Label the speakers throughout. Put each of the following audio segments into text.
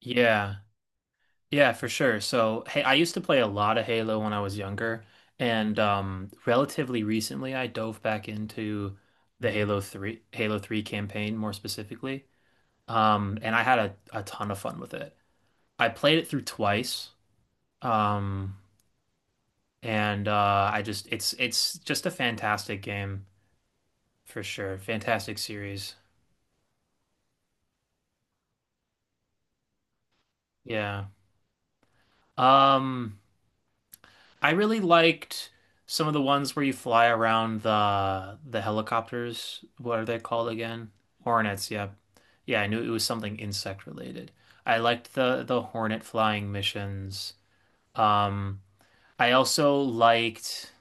Speaker 1: Yeah, yeah, for sure. So, hey, I used to play a lot of Halo when I was younger, and relatively recently, I dove back into the Halo 3 campaign more specifically. And I had a ton of fun with it. I played it through twice. Um, and I just it's just a fantastic game for sure. Fantastic series. Yeah. Um, I really liked some of the ones where you fly around the helicopters. What are they called again? Hornets, yeah. Yeah, I knew it was something insect related. I liked the hornet flying missions. Um, I also liked,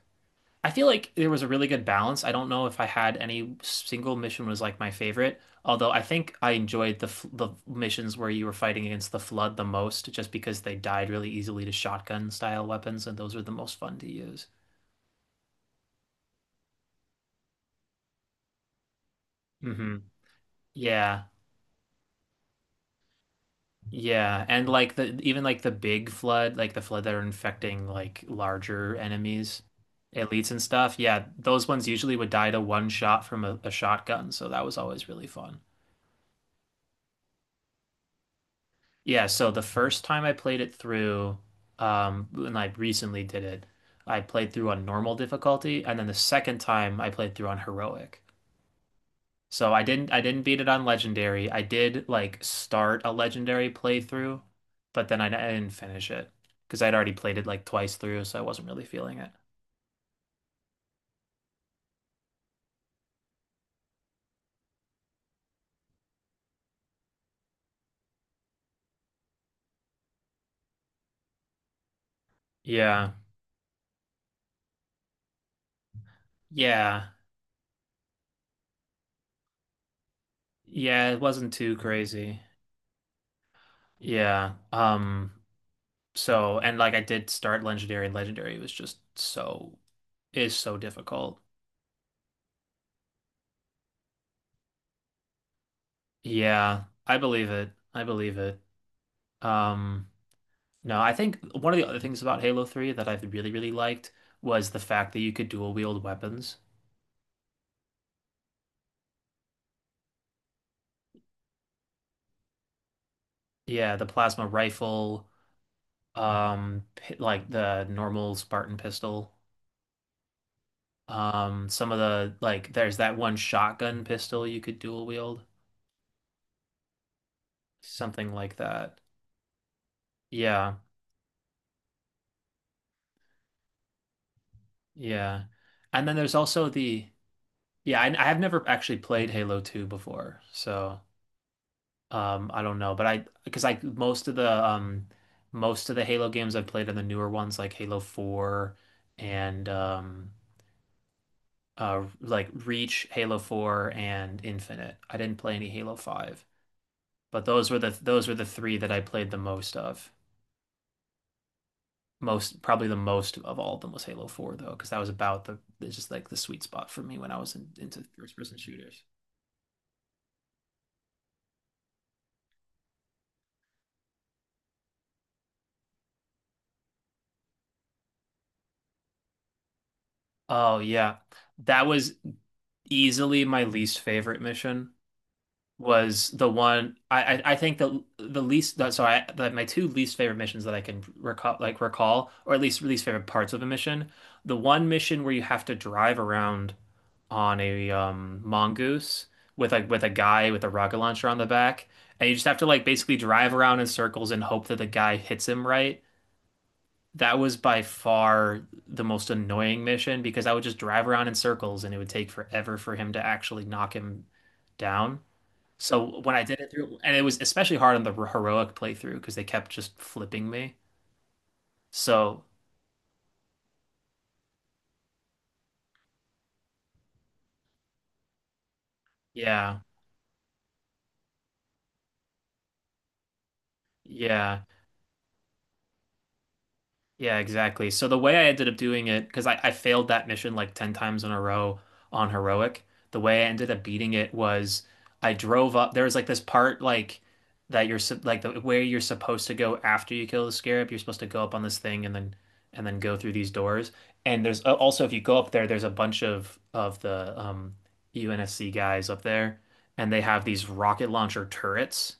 Speaker 1: I feel like there was a really good balance. I don't know if I had any single mission was like my favorite, although I think I enjoyed the missions where you were fighting against the flood the most just because they died really easily to shotgun style weapons and those were the most fun to use. hmm Yeah. Yeah. And like the even like the big flood, like the flood that are infecting like larger enemies, elites and stuff. Yeah, those ones usually would die to one shot from a shotgun, so that was always really fun. Yeah, so the first time I played it through, when I recently did it, I played through on normal difficulty, and then the second time I played through on heroic. So I didn't beat it on legendary. I did like start a legendary playthrough, but then I didn't finish it because I'd already played it like twice through, so I wasn't really feeling it. Yeah. Yeah. Yeah, it wasn't too crazy. Yeah. So and like I did start legendary and legendary was just is so difficult. Yeah, I believe it. I believe it. Um No, I think one of the other things about Halo 3 that I've really, really liked was the fact that you could dual wield weapons. Yeah, the plasma rifle, like the normal Spartan pistol. Some of the like there's that one shotgun pistol you could dual wield, something like that. Yeah, yeah. And then there's also the, yeah, I have never actually played Halo 2 before, so I don't know, but I, because I most of the Halo games I've played are the newer ones like Halo 4 and like Reach, Halo 4 and Infinite. I didn't play any Halo 5, but those were the three that I played the most of. Most probably the most of all of them was Halo 4 though, because that was about the it's just like the sweet spot for me when I was in, into first person shooters. Oh yeah. That was easily my least favorite mission. Was the one I think the least that so I that my two least favorite missions that I can recall like recall or at least least favorite parts of a mission. The one mission where you have to drive around on a mongoose with like with a guy with a rocket launcher on the back and you just have to like basically drive around in circles and hope that the guy hits him right. That was by far the most annoying mission because I would just drive around in circles and it would take forever for him to actually knock him down. So when I did it through, and it was especially hard on the heroic playthrough because they kept just flipping me. So yeah, yeah. Yeah, exactly. So the way I ended up doing it, because I failed that mission like 10 times in a row on heroic, the way I ended up beating it was I drove up. There was like this part like that like the where you're supposed to go after you kill the scarab. You're supposed to go up on this thing and then go through these doors. And there's also if you go up there, there's a bunch of the UNSC guys up there, and they have these rocket launcher turrets.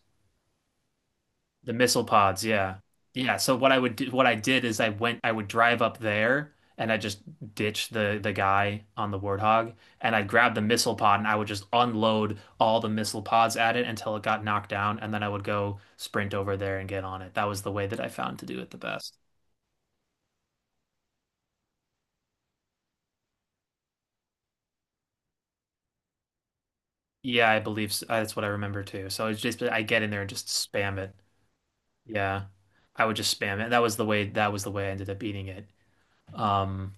Speaker 1: The missile pods, yeah. Yeah, so what I would do, what I did is I would drive up there and I just ditched the guy on the Warthog and I'd grab the missile pod and I would just unload all the missile pods at it until it got knocked down and then I would go sprint over there and get on it. That was the way that I found to do it the best. Yeah, I believe s, that's what I remember too. So it's just I get in there and just spam it. Yeah. I would just spam it. That was the way I ended up beating it. Um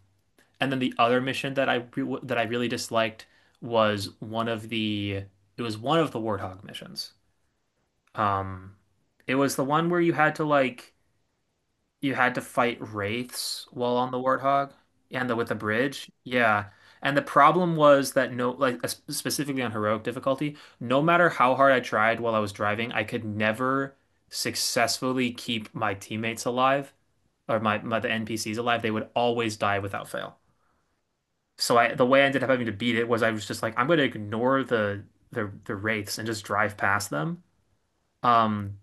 Speaker 1: And then the other mission that I re that I really disliked was one of the it was one of the Warthog missions. Um, it was the one where you had to like you had to fight wraiths while on the Warthog and the with the bridge. Yeah. And the problem was that no like specifically on heroic difficulty, no matter how hard I tried while I was driving, I could never successfully keep my teammates alive or my the NPCs alive. They would always die without fail, so I the way I ended up having to beat it was I was just like I'm going to ignore the the wraiths and just drive past them. Um,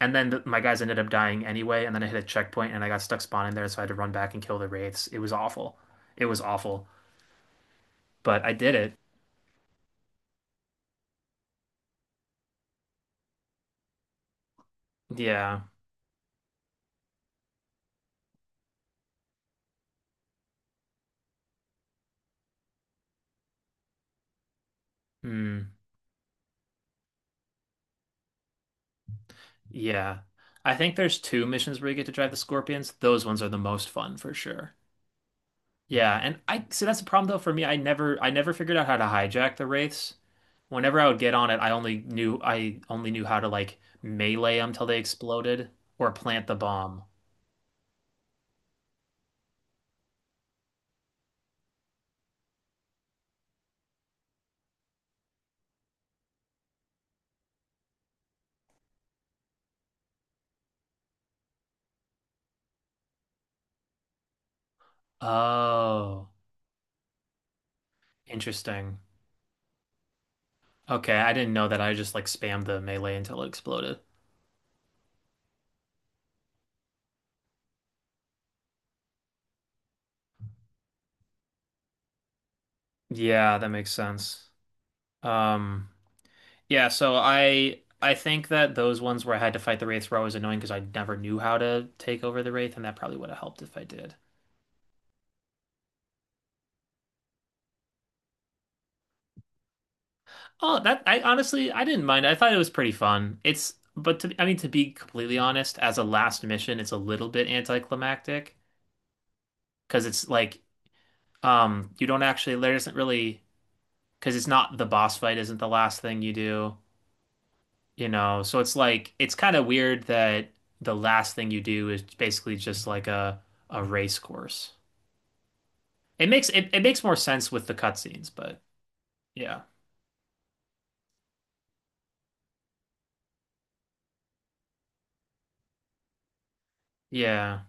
Speaker 1: and then the, my guys ended up dying anyway, and then I hit a checkpoint and I got stuck spawning there, so I had to run back and kill the wraiths. It was awful. It was awful, but I did it. Yeah. Mm, yeah. I think there's two missions where you get to drive the scorpions. Those ones are the most fun for sure. Yeah, and I so that's the problem though for me. I never figured out how to hijack the wraiths. Whenever I would get on it, I only knew how to like melee them till they exploded or plant the bomb. Oh, interesting. Okay, I didn't know that. I just like spammed the melee until it exploded. Yeah, that makes sense. Um, yeah, so I think that those ones where I had to fight the wraiths were always annoying because I never knew how to take over the wraith, and that probably would have helped if I did. Oh, that I honestly I didn't mind. I thought it was pretty fun. It's but to I mean to be completely honest, as a last mission, it's a little bit anticlimactic because it's like you don't actually there isn't really, because it's not the boss fight isn't the last thing you do, you know. So it's like it's kind of weird that the last thing you do is basically just like a race course. It makes more sense with the cutscenes, but yeah. Yeah.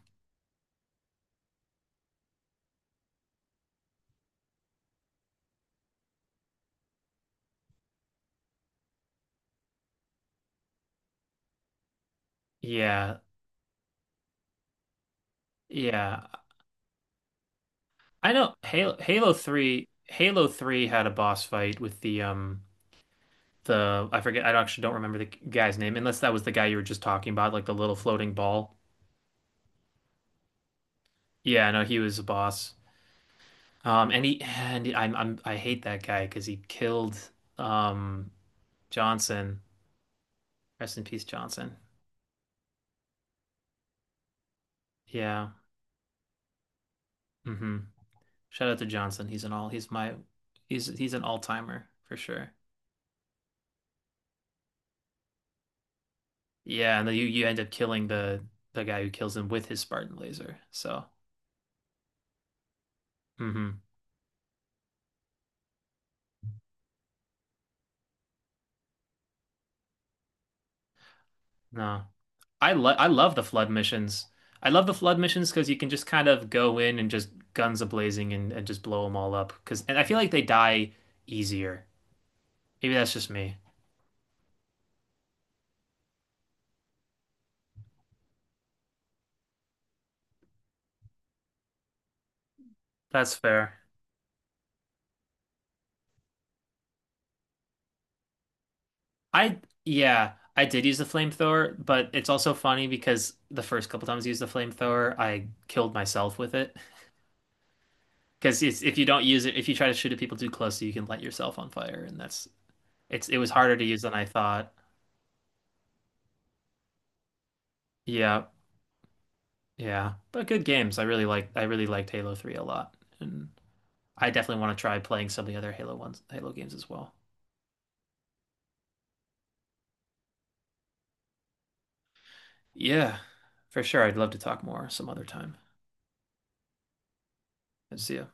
Speaker 1: Yeah. Yeah. I know Halo 3 had a boss fight with the I forget I actually don't remember the guy's name unless that was the guy you were just talking about like the little floating ball. Yeah, no, he was a boss. And he and I hate that guy because he killed um Johnson. Rest in peace, Johnson. Yeah. hmm Shout out to Johnson. He's my he's an all-timer for sure. Yeah, and then you end up killing the guy who kills him with his Spartan laser. So, mhm. No. I love the flood missions. I love the flood missions because you can just kind of go in and just guns a blazing and just blow them all up. Because and I feel like they die easier. Maybe that's just me. That's fair. I yeah, I did use the flamethrower, but it's also funny because the first couple times I used the flamethrower, I killed myself with it. Because it's if you don't use it, if you try to shoot at people too close, you can light yourself on fire, and that's it's it was harder to use than I thought. Yeah. Yeah, but good games. I really liked Halo 3 a lot. And I definitely want to try playing some of the other Halo games as well. Yeah, for sure. I'd love to talk more some other time. See ya.